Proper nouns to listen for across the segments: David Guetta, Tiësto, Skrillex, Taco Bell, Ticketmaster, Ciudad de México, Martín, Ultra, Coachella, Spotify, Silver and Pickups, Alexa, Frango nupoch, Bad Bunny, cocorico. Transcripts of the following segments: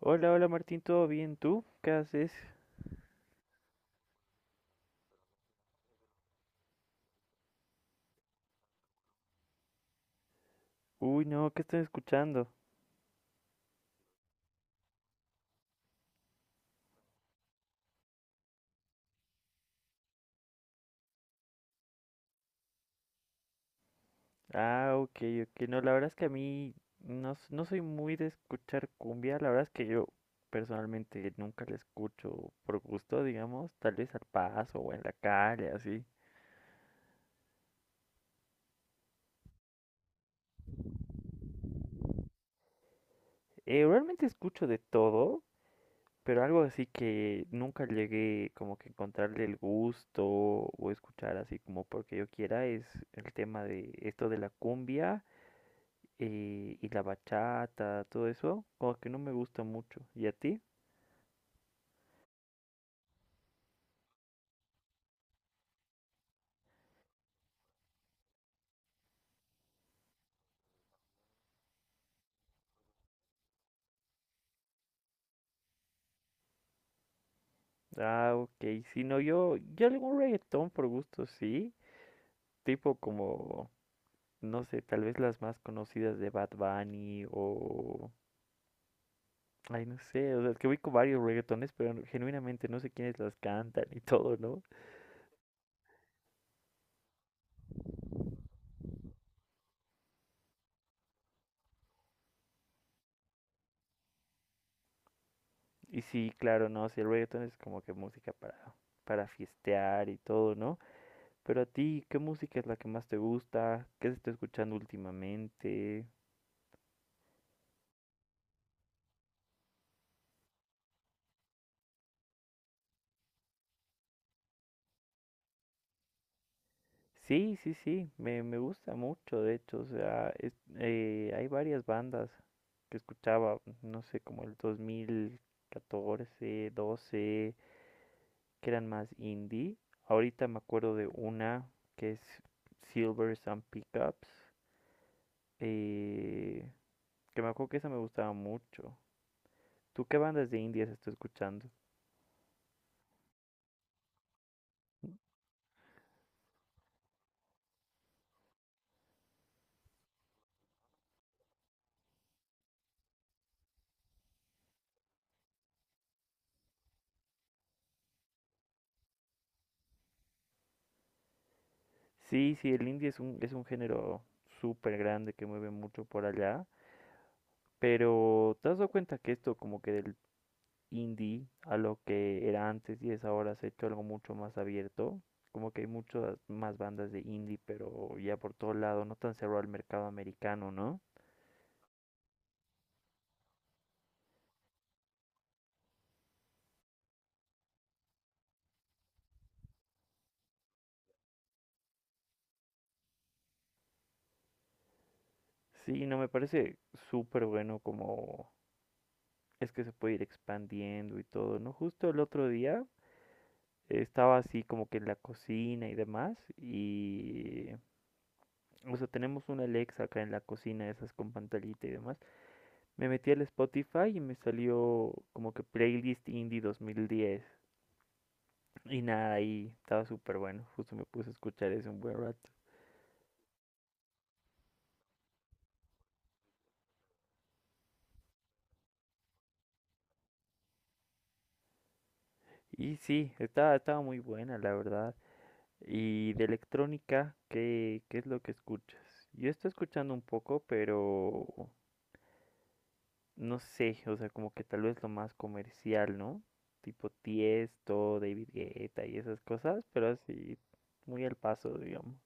Hola, hola Martín, ¿todo bien? ¿Tú? ¿Qué haces? Uy, no, ¿qué estoy escuchando? Ah, ok, ok. No, la verdad es que a mí no, no soy muy de escuchar cumbia. La verdad es que yo personalmente nunca la escucho por gusto, digamos, tal vez al paso o en la calle, así. Realmente escucho de todo, pero algo así que nunca llegué como que encontrarle el gusto o escuchar así como porque yo quiera es el tema de esto de la cumbia. Y la bachata, todo eso, como que no me gusta mucho. ¿Y a ti? Ah, ok. Si no, yo algún reggaetón por gusto, sí. Tipo como, no sé, tal vez las más conocidas de Bad Bunny o... Ay, no sé, o sea, es que ubico varios reggaetones, pero genuinamente no sé quiénes las cantan y todo, ¿no? Y sí, claro, no, sí, el reggaetón es como que música para fiestear y todo, ¿no? Pero a ti, ¿qué música es la que más te gusta? ¿Qué se está escuchando últimamente? Sí, sí, sí, me gusta mucho, de hecho, o sea, hay varias bandas que escuchaba, no sé, como el 2014, doce, que eran más indie. Ahorita me acuerdo de una que es Silver and Pickups, eh, que me acuerdo que esa me gustaba mucho. ¿Tú qué bandas de indias estás escuchando? Sí, sí, el indie es un género súper grande que mueve mucho por allá, pero ¿te has dado cuenta que esto como que del indie a lo que era antes y es ahora se ha hecho algo mucho más abierto? Como que hay muchas más bandas de indie, pero ya por todo lado, no tan cerrado al mercado americano, ¿no? Sí, no, me parece súper bueno como es que se puede ir expandiendo y todo, ¿no? Justo el otro día estaba así como que en la cocina y demás y o sea, tenemos una Alexa acá en la cocina, esas con pantallita y demás. Me metí al Spotify y me salió como que playlist indie 2010. Y nada, ahí estaba súper bueno. Justo me puse a escuchar eso un buen rato. Y sí, estaba muy buena, la verdad. Y de electrónica, ¿qué es lo que escuchas? Yo estoy escuchando un poco, pero no sé, o sea, como que tal vez lo más comercial, ¿no? Tipo Tiesto, David Guetta y esas cosas, pero así, muy al paso, digamos.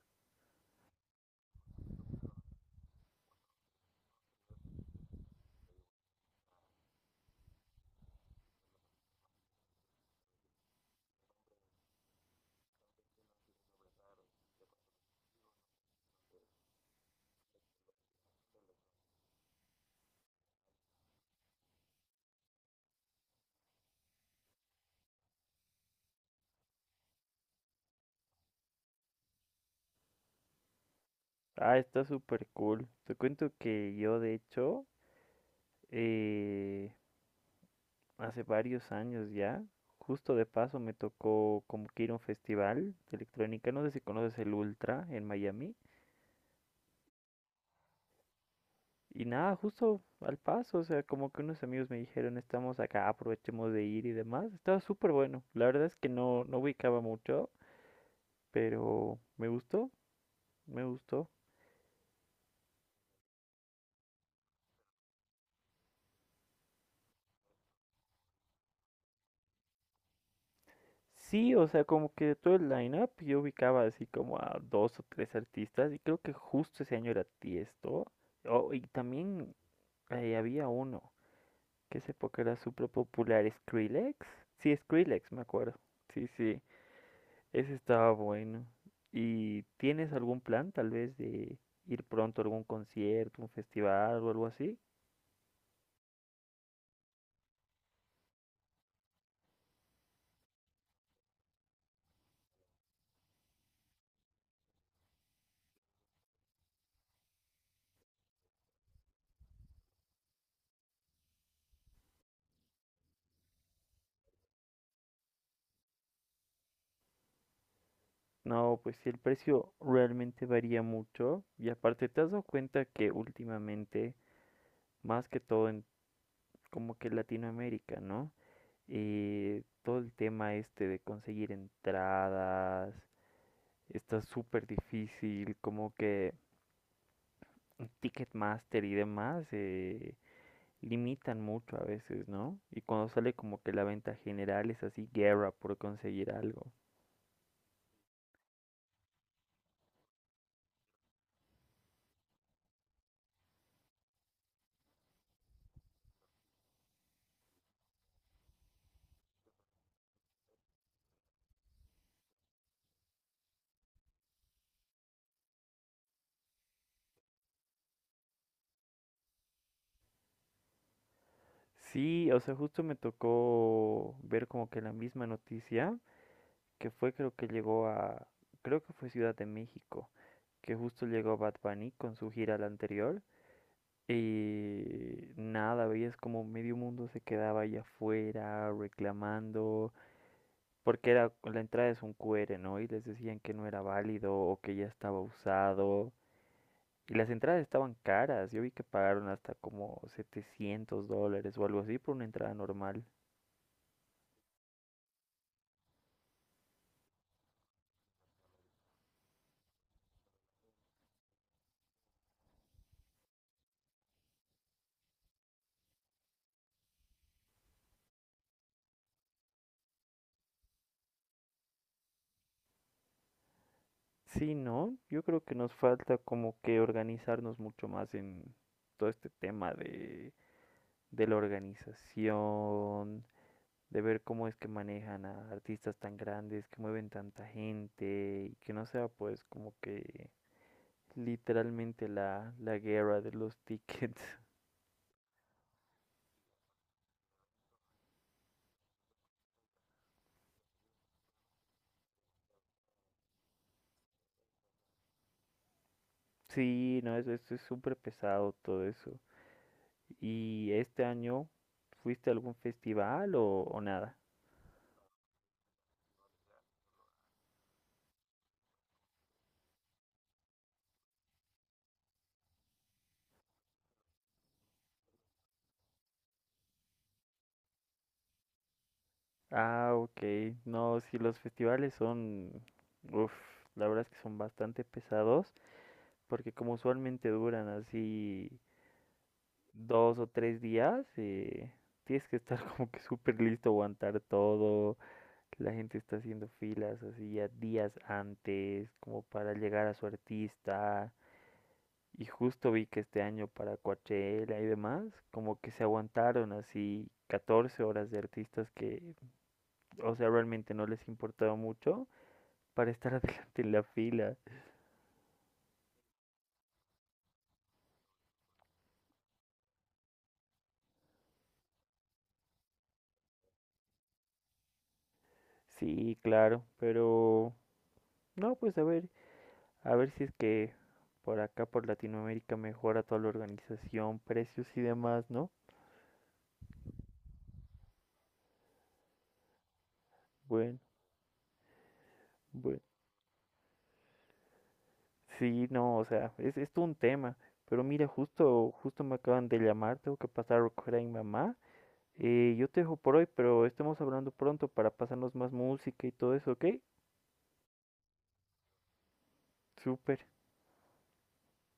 Ah, está súper cool. Te cuento que yo, de hecho, eh, hace varios años ya, justo de paso me tocó como que ir a un festival de electrónica, no sé si conoces el Ultra en Miami. Y nada, justo al paso, o sea, como que unos amigos me dijeron, estamos acá, aprovechemos de ir y demás. Estaba súper bueno. La verdad es que no, no ubicaba mucho, pero me gustó, me gustó. Sí, o sea, como que de todo el lineup yo ubicaba así como a dos o tres artistas y creo que justo ese año era Tiesto. Oh, y también había uno que esa época era súper popular, Skrillex. Sí, Skrillex, me acuerdo. Sí, sí. Ese estaba bueno. ¿Y tienes algún plan tal vez de ir pronto a algún concierto, un festival o algo así? No, pues sí, el precio realmente varía mucho. Y aparte, ¿te has dado cuenta que últimamente, más que todo en como que Latinoamérica, ¿no? Todo el tema este de conseguir entradas está súper difícil, como que Ticketmaster y demás. Limitan mucho a veces, ¿no? Y cuando sale como que la venta general es así, guerra por conseguir algo. Sí, o sea, justo me tocó ver como que la misma noticia, que fue creo que llegó a, creo que fue Ciudad de México, que justo llegó Bad Bunny con su gira la anterior. Y nada, veías como medio mundo se quedaba ahí afuera reclamando, porque era, la entrada es un QR, ¿no? Y les decían que no era válido o que ya estaba usado. Y las entradas estaban caras. Yo vi que pagaron hasta como $700 o algo así por una entrada normal. Sí, ¿no? Yo creo que nos falta como que organizarnos mucho más en todo este tema de la organización, de ver cómo es que manejan a artistas tan grandes, que mueven tanta gente y que no sea pues como que literalmente la guerra de los tickets. Sí, no, eso es súper pesado todo eso. ¿Y este año fuiste a algún festival o nada? Ah, ok. No, sí, los festivales son, uf, la verdad es que son bastante pesados, porque como usualmente duran así 2 o 3 días, tienes que estar como que súper listo, aguantar todo. La gente está haciendo filas así ya días antes, como para llegar a su artista. Y justo vi que este año para Coachella y demás, como que se aguantaron así 14 horas de artistas que, o sea, realmente no les importaba mucho para estar adelante en la fila. Sí, claro, pero no, pues a ver si es que por acá, por Latinoamérica, mejora toda la organización, precios y demás, ¿no? Bueno, bueno. Sí, no, o sea, es todo un tema. Pero mira, justo, justo me acaban de llamar, tengo que pasar a recoger a mi mamá. Yo te dejo por hoy, pero estemos hablando pronto para pasarnos más música y todo eso, ¿ok? Súper.